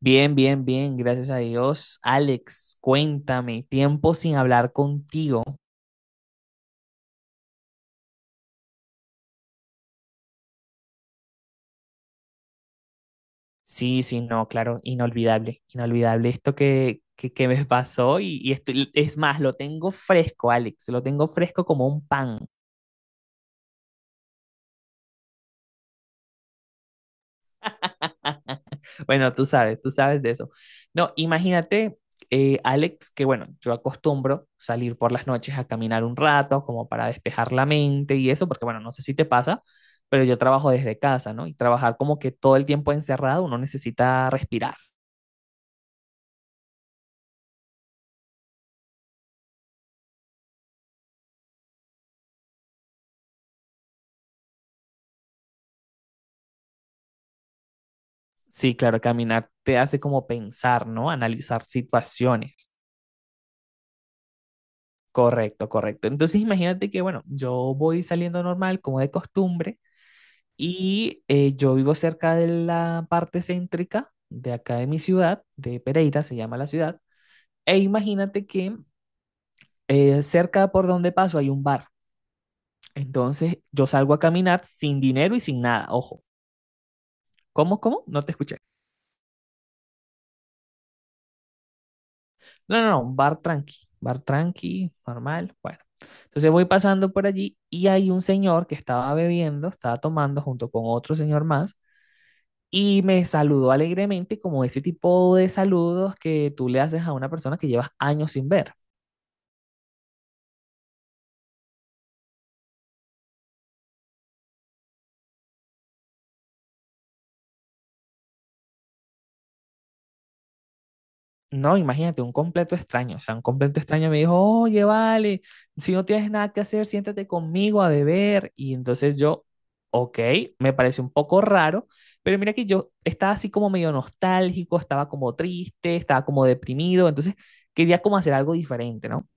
Bien, bien, bien, gracias a Dios. Alex, cuéntame, tiempo sin hablar contigo. Sí, sí, no, claro, inolvidable, inolvidable esto que me pasó y es más, lo tengo fresco, Alex, lo tengo fresco como un pan. Bueno, tú sabes de eso. No, imagínate, Alex, que bueno, yo acostumbro salir por las noches a caminar un rato como para despejar la mente y eso, porque bueno, no sé si te pasa, pero yo trabajo desde casa, ¿no? Y trabajar como que todo el tiempo encerrado, uno necesita respirar. Sí, claro, caminar te hace como pensar, ¿no? Analizar situaciones. Correcto, correcto. Entonces imagínate que, bueno, yo voy saliendo normal como de costumbre. Y yo vivo cerca de la parte céntrica de acá de mi ciudad, de Pereira, se llama la ciudad. E imagínate que cerca por donde paso hay un bar. Entonces yo salgo a caminar sin dinero y sin nada. Ojo, ¿cómo? No te escuché. No, no, no, un bar tranqui, normal. Bueno, entonces voy pasando por allí y hay un señor que estaba bebiendo, estaba tomando junto con otro señor más. Y me saludó alegremente como ese tipo de saludos que tú le haces a una persona que llevas años sin ver. No, imagínate, un completo extraño. O sea, un completo extraño me dijo, oye, vale, si no tienes nada que hacer, siéntate conmigo a beber. Y entonces yo, ok, me parece un poco raro, pero mira que yo estaba así como medio nostálgico, estaba como triste, estaba como deprimido, entonces quería como hacer algo diferente, ¿no?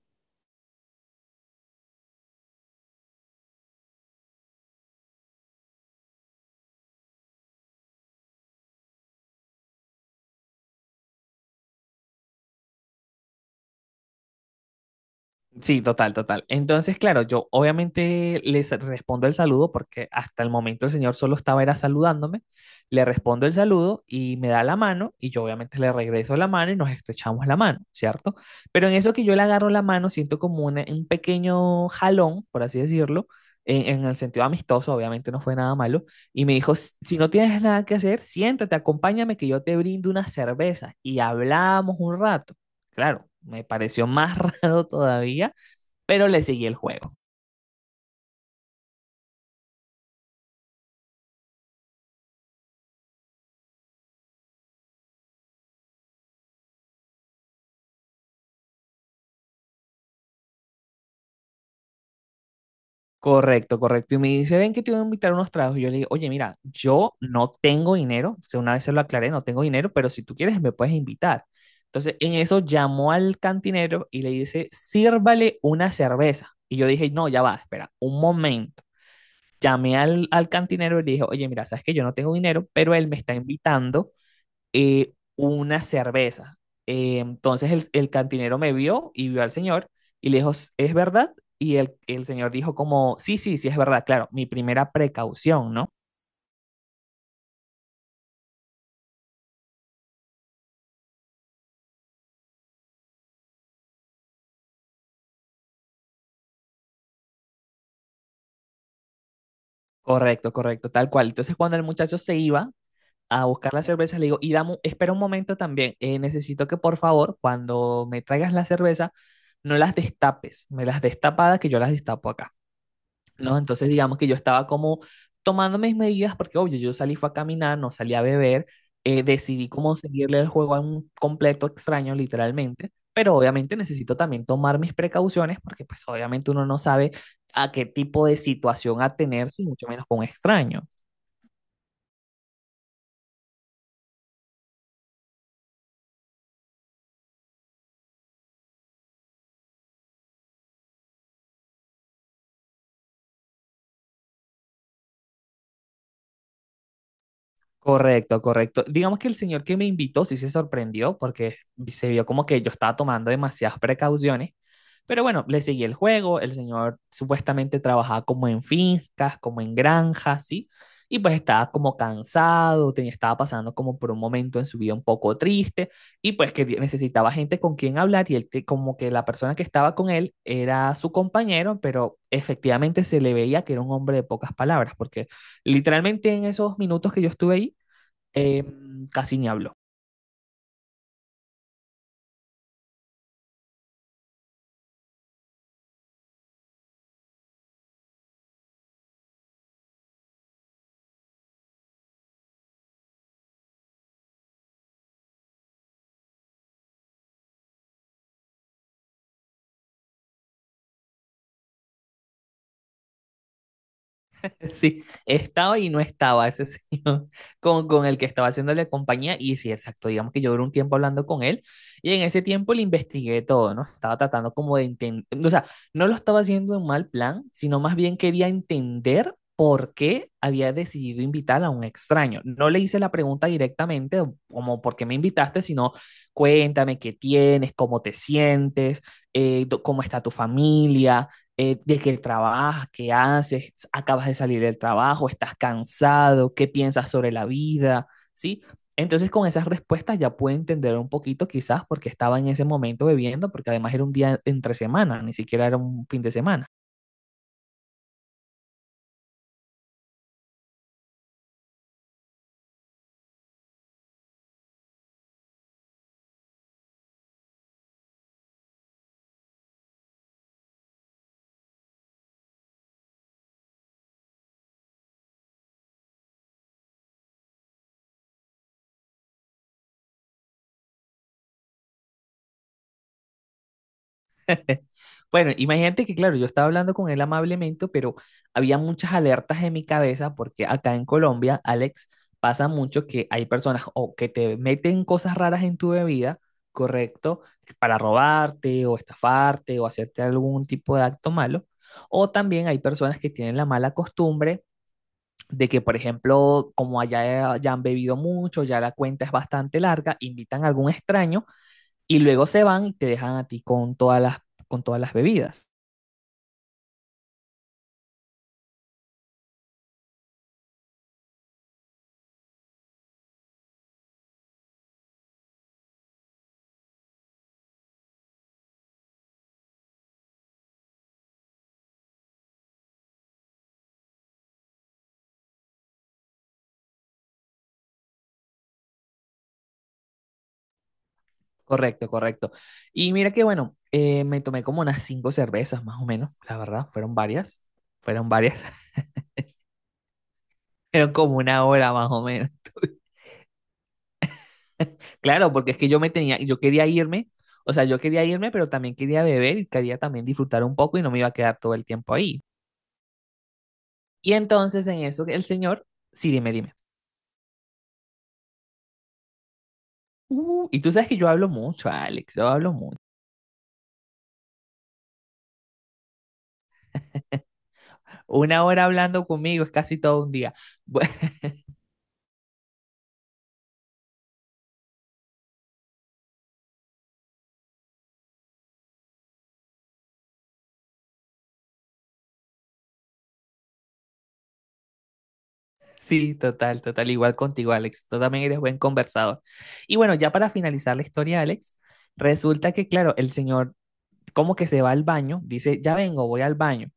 Sí, total, total. Entonces, claro, yo obviamente les respondo el saludo porque hasta el momento el señor solo estaba era saludándome. Le respondo el saludo y me da la mano y yo obviamente le regreso la mano y nos estrechamos la mano, ¿cierto? Pero en eso que yo le agarro la mano siento como un pequeño jalón, por así decirlo, en el sentido amistoso, obviamente no fue nada malo, y me dijo, "Si no tienes nada que hacer, siéntate, acompáñame que yo te brindo una cerveza y hablamos un rato". Claro, me pareció más raro todavía, pero le seguí el juego. Correcto, correcto. Y me dice, ven que te voy a invitar unos tragos. Y yo le digo, oye, mira, yo no tengo dinero. O sea, una vez se lo aclaré, no tengo dinero, pero si tú quieres me puedes invitar. Entonces, en eso llamó al cantinero y le dice, sírvale una cerveza. Y yo dije, no, ya va, espera, un momento. Llamé al cantinero y le dije, oye, mira, sabes que yo no tengo dinero, pero él me está invitando unas cervezas. Entonces el cantinero me vio y vio al señor y le dijo, ¿es verdad? Y el señor dijo como, sí, sí, sí, es verdad, claro, mi primera precaución, ¿no? Correcto, correcto, tal cual. Entonces cuando el muchacho se iba a buscar las cervezas, le digo, y dame, espera un momento también, necesito que por favor, cuando me traigas la cerveza, no las destapes, me las destapadas que yo las destapo acá, ¿no? Entonces, digamos que yo estaba como tomando mis medidas, porque obvio, yo salí fue a caminar, no salí a beber, decidí como seguirle el juego a un completo extraño, literalmente, pero obviamente necesito también tomar mis precauciones, porque pues obviamente uno no sabe a qué tipo de situación atenerse, y mucho menos con un extraño. Correcto, correcto. Digamos que el señor que me invitó sí se sorprendió porque se vio como que yo estaba tomando demasiadas precauciones, pero bueno, le seguí el juego. El señor supuestamente trabajaba como en fincas, como en granjas, ¿sí? Y pues estaba como cansado, tenía, estaba pasando como por un momento en su vida un poco triste, y pues que necesitaba gente con quien hablar, y él te- como que la persona que estaba con él era su compañero, pero efectivamente se le veía que era un hombre de pocas palabras porque literalmente en esos minutos que yo estuve ahí, eh, casi ni habló. Sí, estaba y no estaba ese señor con el que estaba haciéndole compañía. Y sí, exacto, digamos que yo duré un tiempo hablando con él, y en ese tiempo le investigué todo, ¿no? Estaba tratando como de entender, o sea, no lo estaba haciendo en mal plan, sino más bien quería entender por qué había decidido invitar a un extraño. No le hice la pregunta directamente, como por qué me invitaste, sino cuéntame qué tienes, cómo te sientes, cómo está tu familia, de qué trabajas, qué haces, acabas de salir del trabajo, estás cansado, qué piensas sobre la vida, ¿sí? Entonces con esas respuestas ya pude entender un poquito quizás porque estaba en ese momento bebiendo, porque además era un día entre semana, ni siquiera era un fin de semana. Bueno, imagínate que, claro, yo estaba hablando con él amablemente, pero había muchas alertas en mi cabeza porque acá en Colombia, Alex, pasa mucho que hay personas o que te meten cosas raras en tu bebida, correcto, para robarte o estafarte o hacerte algún tipo de acto malo, o también hay personas que tienen la mala costumbre de que, por ejemplo, como allá ya han bebido mucho, ya la cuenta es bastante larga, invitan a algún extraño y luego se van y te dejan a ti con todas las bebidas. Correcto, correcto. Y mira que bueno, me tomé como unas cinco cervezas más o menos, la verdad, fueron varias, fueron como una hora más o menos. Claro, porque es que yo me tenía, yo quería irme, o sea, yo quería irme, pero también quería beber y quería también disfrutar un poco y no me iba a quedar todo el tiempo ahí. Y entonces en eso el señor, sí, dime, dime. Y tú sabes que yo hablo mucho, Alex, yo hablo mucho. Una hora hablando conmigo es casi todo un día. Bu- Sí, total, total. Igual contigo, Alex. Tú también eres buen conversador. Y bueno, ya para finalizar la historia, Alex, resulta que, claro, el señor como que se va al baño, dice, ya vengo, voy al baño.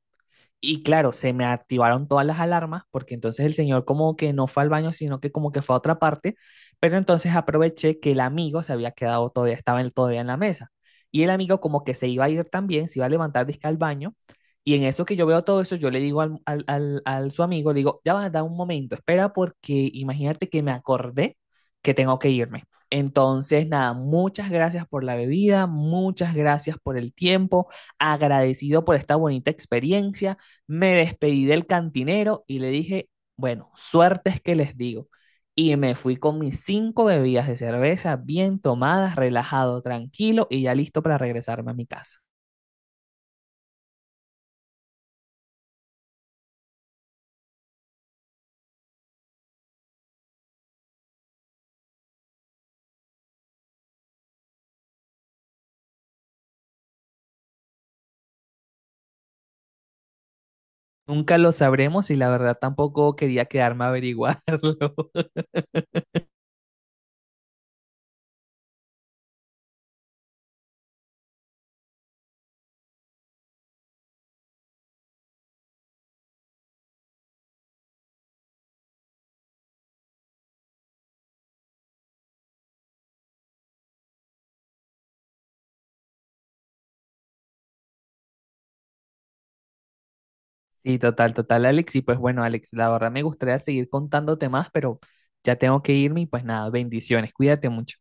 Y claro, se me activaron todas las alarmas porque entonces el señor como que no fue al baño, sino que como que fue a otra parte, pero entonces aproveché que el amigo se había quedado todavía, estaba él todavía en la mesa. Y el amigo como que se iba a ir también, se iba a levantar disque al baño. Y en eso que yo veo todo eso, yo le digo al su amigo, le digo, ya va, da un momento, espera porque imagínate que me acordé que tengo que irme. Entonces, nada, muchas gracias por la bebida, muchas gracias por el tiempo, agradecido por esta bonita experiencia, me despedí del cantinero y le dije, bueno, suerte es que les digo. Y me fui con mis cinco bebidas de cerveza bien tomadas, relajado, tranquilo y ya listo para regresarme a mi casa. Nunca lo sabremos y la verdad tampoco quería quedarme a averiguarlo. Sí, total, total, Alex. Y pues bueno, Alex, la verdad me gustaría seguir contándote más, pero ya tengo que irme y pues nada, bendiciones. Cuídate mucho.